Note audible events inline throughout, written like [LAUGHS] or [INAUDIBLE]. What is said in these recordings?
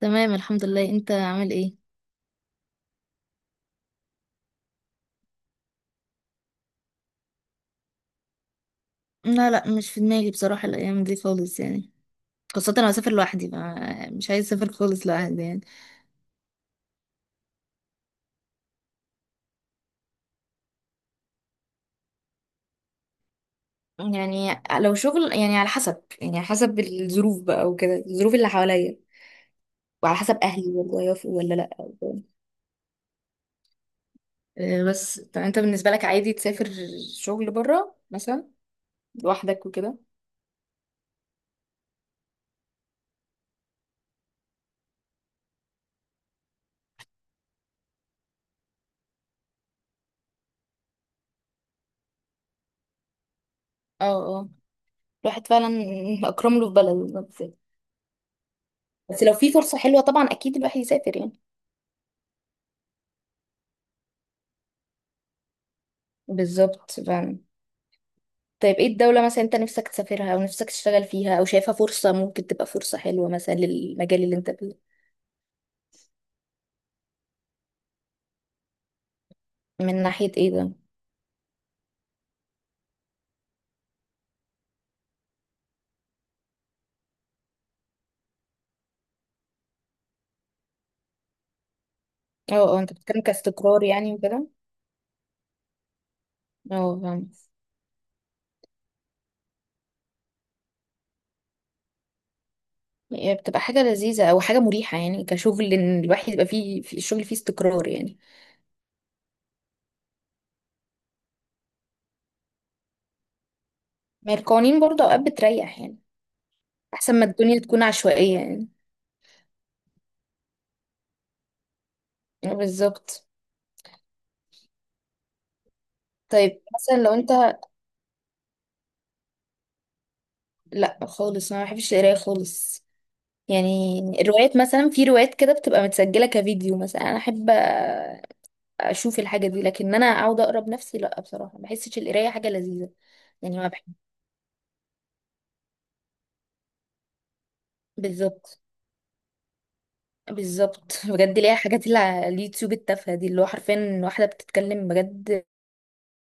تمام، الحمد لله، انت عامل ايه؟ لا لا، مش في دماغي بصراحة الأيام دي خالص، يعني. خاصة أنا هسافر لوحدي، مش عايز أسافر خالص لوحدي، يعني. يعني لو شغل، يعني على حسب الظروف بقى وكده، الظروف اللي حواليا وعلى حسب اهلي برضه هيوافقوا ولا لا، وكده. آه، بس طب انت بالنسبه لك عادي تسافر شغل بره مثلا لوحدك وكده؟ اه، اه، الواحد فعلا اكرم له في بلده، بس. بس لو في فرصه حلوه طبعا اكيد الواحد يسافر، يعني. بالظبط، فعلا. طيب ايه الدولة مثلا انت نفسك تسافرها، او نفسك تشتغل فيها، او شايفها فرصة ممكن تبقى فرصة حلوة مثلا للمجال اللي انت فيه؟ من ناحية ايه ده؟ اه، اه، انت بتتكلم كاستقرار، يعني وكده. اه، فاهم. هي بتبقى حاجة لذيذة او حاجة مريحة، يعني كشغل ان الواحد يبقى فيه في الشغل فيه استقرار، يعني. ما هي القوانين برضه اوقات بتريح، يعني. احسن ما الدنيا تكون عشوائية، يعني. اه، بالظبط. طيب مثلا لو انت. لا خالص، انا ما بحبش القراية خالص. يعني الروايات مثلا، في روايات كده بتبقى متسجلة كفيديو مثلا، انا احب اشوف الحاجه دي، لكن انا اقعد اقرا بنفسي لا بصراحه، ما بحسش القرايه حاجه لذيذه. يعني، ما بحب. بالظبط. بالظبط. [LAUGHS] بجد، ليها حاجات اللي على اليوتيوب التافهه دي، اللي هو حرفيا واحده بتتكلم، بجد.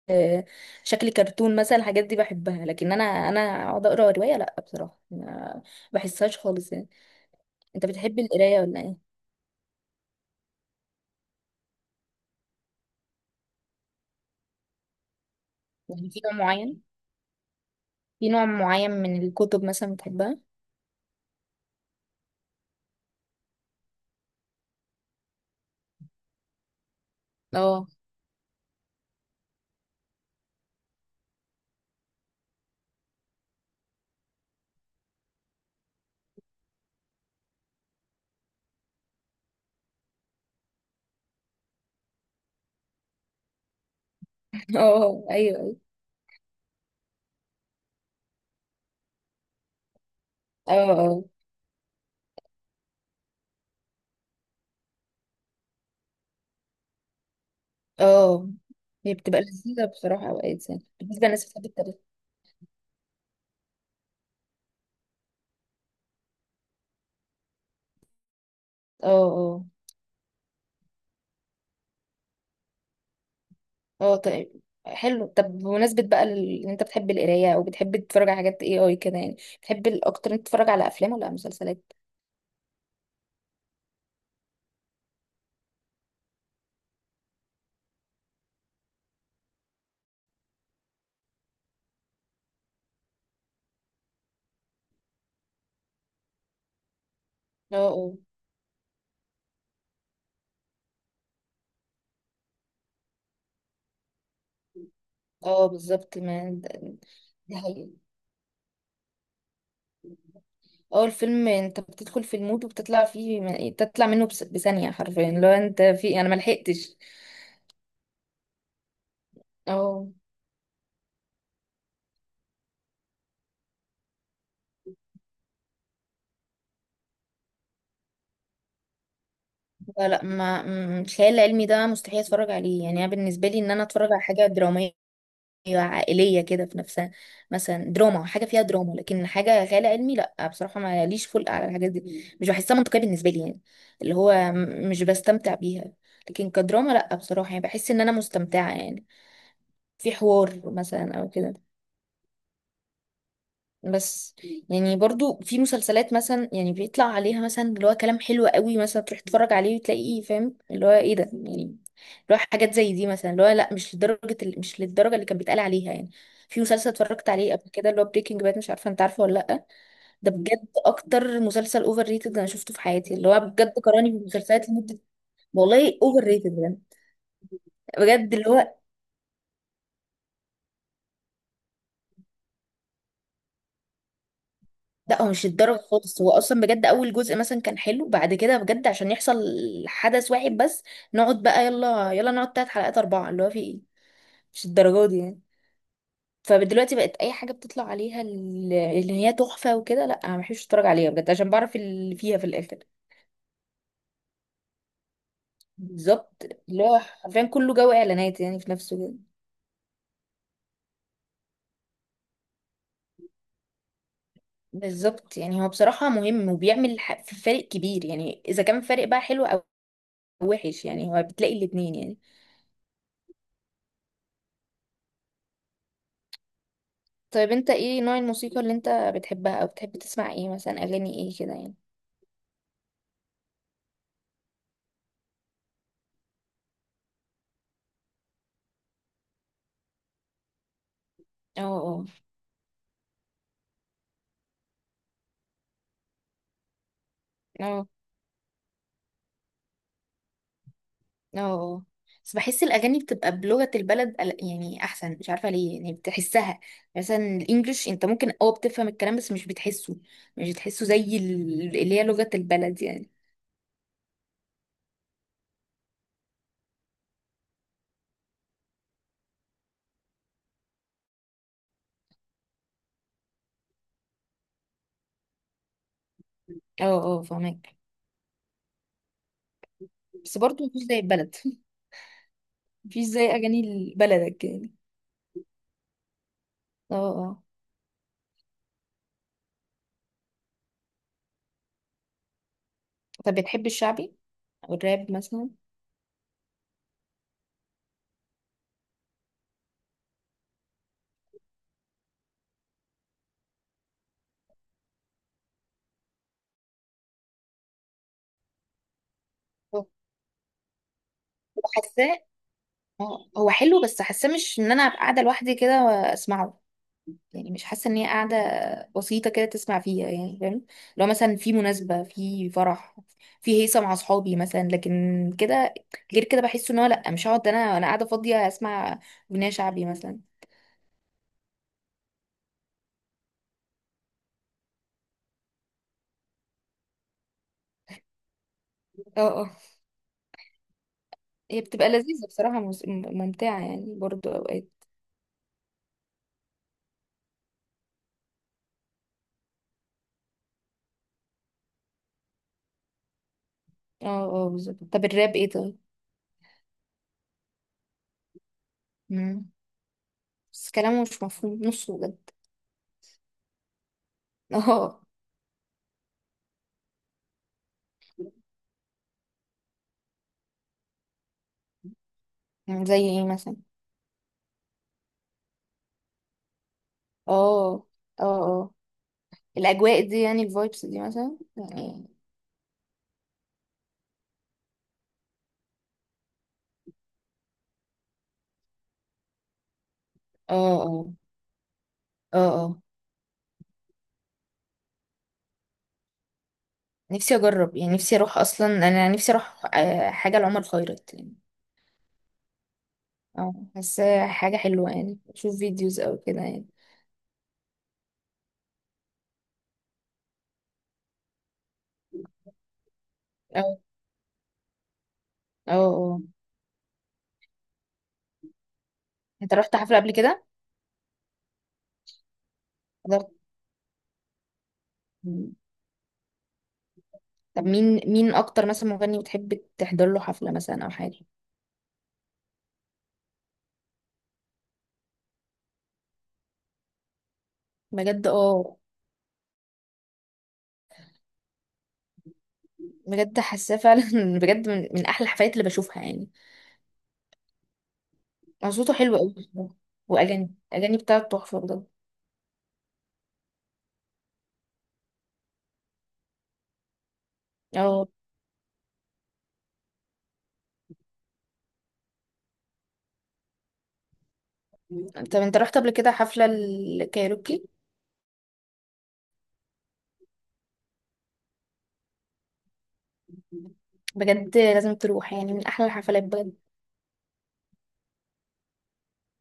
آه، شكل كرتون مثلا الحاجات دي بحبها، لكن انا اقعد اقرا روايه لا بصراحه، ما بحسهاش خالص، يعني. انت بتحب القرايه ولا ايه؟ يعني، في نوع معين؟ في نوع معين من الكتب مثلا بتحبها؟ اه. [LAUGHS] اه، ايوه، ايوه، اه، آه. اه، هي بتبقى لذيذة بصراحة أوقات، يعني بالنسبة للناس بتحب التاريخ. اه، اه، اه، طيب حلو، طب بمناسبة بقى إن أنت بتحب القراية أو بتحب تتفرج على حاجات اي كده، يعني بتحب الأكتر أنت تتفرج على أفلام ولا على مسلسلات؟ اه، اه، اه، بالظبط. ما د- دي حقيقة. اه، الفيلم أنت بتدخل في المود وبتطلع فيه، تطلع منه، بثانية حرفيا، لو أنت في أنا ملحقتش. اه. لا لا، ما م- الخيال العلمي ده مستحيل اتفرج عليه، يعني انا بالنسبه لي ان انا اتفرج على حاجه دراميه عائلية كده في نفسها. مثلا دراما، حاجة فيها دراما، لكن حاجة خيال علمي لا بصراحة، ما ليش خلق على الحاجات دي، مش بحسها منطقية بالنسبة لي، يعني. اللي هو مش بستمتع بيها. لكن كدراما لا بصراحة، يعني بحس ان انا مستمتعة، يعني. في حوار مثلا او كده. بس. يعني برضو في مسلسلات مثلا، يعني بيطلع عليها مثلا اللي هو كلام حلو قوي مثلا، تروح تتفرج عليه وتلاقيه فاهم اللي هو ايه ده، يعني اللي هو حاجات زي دي مثلا، اللي هو لا مش لدرجة مش للدرجة اللي كان بيتقال عليها، يعني. في مسلسل اتفرجت عليه قبل كده اللي هو بريكنج باد، مش عارفة انت عارفه ولا لا؟ ده بجد اكتر مسلسل اوفر ريتد انا شفته في حياتي، اللي هو بجد قراني بالمسلسلات لمدة. والله اوفر ريتد بجد. بجد، اللي هو. لا هو مش الدرجة خالص، هو اصلا بجد اول جزء مثلا كان حلو، بعد كده بجد عشان يحصل حدث واحد بس. نقعد بقى يلا يلا، نقعد تلات حلقات اربعة، اللي هو في ايه؟ مش الدرجة دي، يعني. فدلوقتي بقت اي حاجة بتطلع عليها اللي هي تحفة وكده، لا انا مبحبش اتفرج عليها بجد، عشان بعرف اللي فيها في الاخر. بالظبط. اللي هو حرفيا كله جو اعلانات، يعني في نفسه كده. بالظبط، يعني هو بصراحة مهم وبيعمل في فارق كبير، يعني اذا كان فارق بقى حلو او وحش، يعني هو بتلاقي الاتنين، يعني. طيب انت ايه نوع الموسيقى اللي انت بتحبها، او بتحب تسمع ايه مثلا، اغاني ايه كده، يعني؟ اه، اه، اه، اه، آه. بس بحس الأغاني بتبقى بلغة البلد يعني أحسن، مش عارفة ليه، يعني بتحسها. مثلا الإنجليش أنت ممكن بتفهم الكلام بس مش بتحسه. مش بتحسه زي اللي هي لغة البلد، يعني. اه، اه، فهمك. بس برضه مفيش زي البلد. [LAUGHS] مفيش زي أغاني بلدك، يعني. اه، اه، طب بتحب الشعبي أو الراب مثلا؟ أوه. اه، هو حلو بس حاسه مش ان انا ابقى قاعده لوحدي كده واسمعه. يعني مش حاسه ان هي قاعده بسيطه كده تسمع فيها، يعني فاهم. لو مثلا في مناسبه، في فرح، في هيصه مع اصحابي مثلا، لكن كده. غير كده بحس ان هو لا، مش هقعد انا قاعده فاضيه اسمع اغنيه شعبي مثلا. اه، اه، هي بتبقى لذيذه بصراحه ممتعه، يعني برضو اوقات. اه، اه، بالظبط. طب الراب ايه طيب؟ مم. بس كلامه مش مفهوم نصه بجد. [LAUGHS] اه، زي ايه مثلا؟ اه، اه، الاجواء دي يعني الفايبس دي مثلا، يعني. اه، اه، اه، اه، نفسي اجرب، يعني نفسي اروح، اصلا انا نفسي اروح حاجه لعمر خيرت، يعني. اه حاسه حاجه حلوه، يعني اشوف فيديوز او كده، يعني. اه، اه، اه، انت رحت حفله قبل كده؟ حضرت؟ مم. طب مين اكتر مثلا مغني بتحب تحضر له حفله مثلا او حاجه؟ بجد اه، بجد حاساه فعلا. [LAUGHS] بجد من احلى الحفلات اللي بشوفها، يعني. صوته حلو قوي بصراحة. واغاني بتاعته تحفه بجد. اه، طب انت رحت قبل كده حفلة الكايروكي؟ بجد لازم تروح، يعني من احلى الحفلات بجد.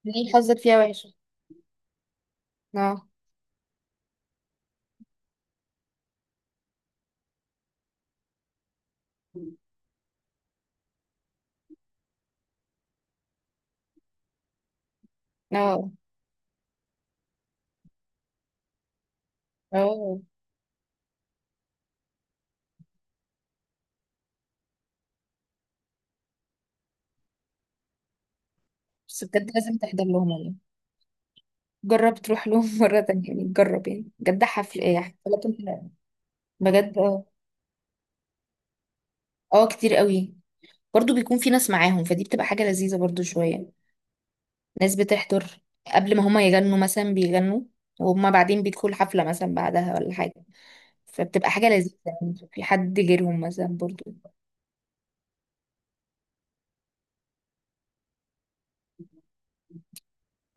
ليه حظك فيها وحش؟ اه، اه، اه. بس بجد لازم تحضر لهم والله. جرب تروح لهم [LAUGHS] مرة تانية، يعني جرب، يعني بجد حفل ايه حفلاتهم حلوة. بجد، اه. اه، كتير قوي. برضو بيكون في ناس معاهم، فدي بتبقى حاجة لذيذة برضو، شوية ناس بتحضر قبل ما هما يغنوا مثلا، بيغنوا وهما بعدين بيدخلوا حفلة مثلا بعدها ولا حاجة. فبتبقى حاجة لذيذة، يعني في حد غيرهم مثلا برضو.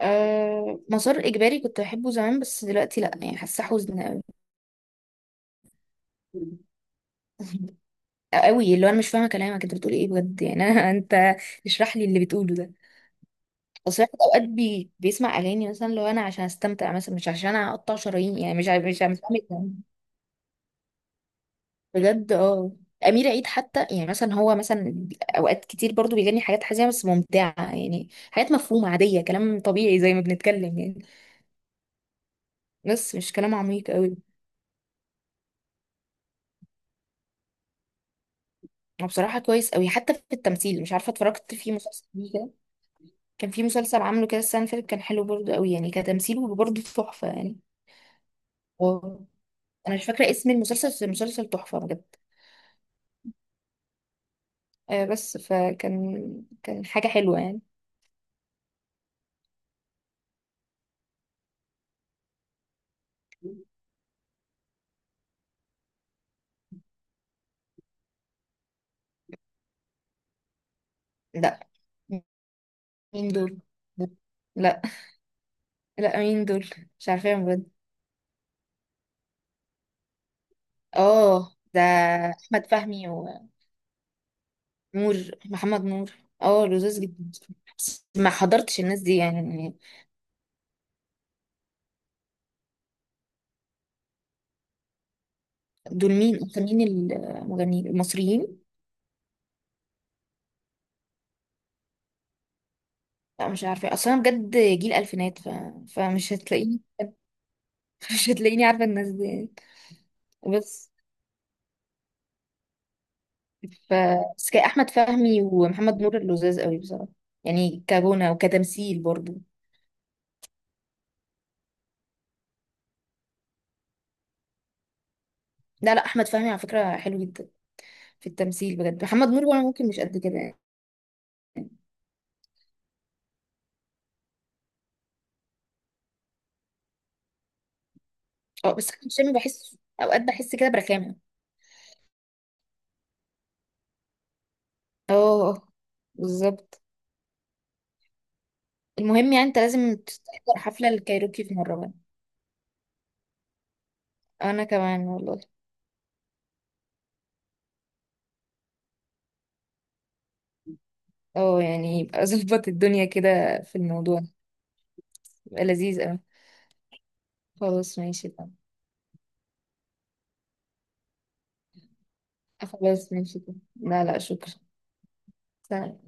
أه، مسار إجباري كنت بحبه زمان، بس دلوقتي لأ، يعني حاسة حزن أوي. [LAUGHS] أوي، اللي هو أنا مش فاهمة كلامك، أنت بتقول إيه بجد يعني، أنا [LAUGHS] أنت. اشرح لي اللي بتقوله ده. بس الواحد أوقات بيسمع أغاني مثلا، لو أنا عشان أستمتع مثلا، مش عشان أقطع شرايين يعني، مش عامل ده. بجد، اه. أمير عيد حتى، يعني مثلا هو مثلا أوقات كتير برضو بيغني حاجات حزينة بس ممتعة، يعني حاجات مفهومة عادية كلام طبيعي زي ما بنتكلم، يعني. بس مش كلام عميق قوي. هو بصراحة كويس قوي حتى في التمثيل، مش عارفة اتفرجت في مسلسل ليه كده. كان في مسلسل عامله كده السنة اللي فاتت كان حلو برضه قوي، يعني كتمثيله برضه تحفة، يعني. و انا مش فاكرة اسم المسلسل، بس المسلسل تحفة بجد. آه، بس فكان حاجة حلوة، يعني. لا، مين دول؟ لا لا، مين دول؟ مش عارفاهم بجد. اه، ده. احمد فهمي ونور. محمد نور. اه، لذيذ جدا. بس ما حضرتش الناس دي، يعني. دول مين اكتر، مين المغنيين المصريين؟ لا مش عارفه اصلا، انا بجد جيل الفينات، فمش هتلاقيني. [LAUGHS] مش هتلاقيني عارفه الناس دي. بس ف بس كان احمد فهمي ومحمد نور اللزاز قوي بصراحه. يعني كغنى وكتمثيل برضو. لا لا، احمد فهمي على فكره حلو جدا في التمثيل بجد، محمد نور وانا ممكن مش قد كده، يعني. اه، بس احمد شامي بحس اوقات بحس كده برخامه. اه. آه، بالظبط. المهم يعني، انت لازم تحضر حفله الكايروكي في مره بقى. انا كمان والله. اه، يعني يبقى ظبط الدنيا كده في الموضوع. يبقى لذيذ اوي. خلاص ماشي طب. خلاص ماشي طب، لا لا شكرا. سلام.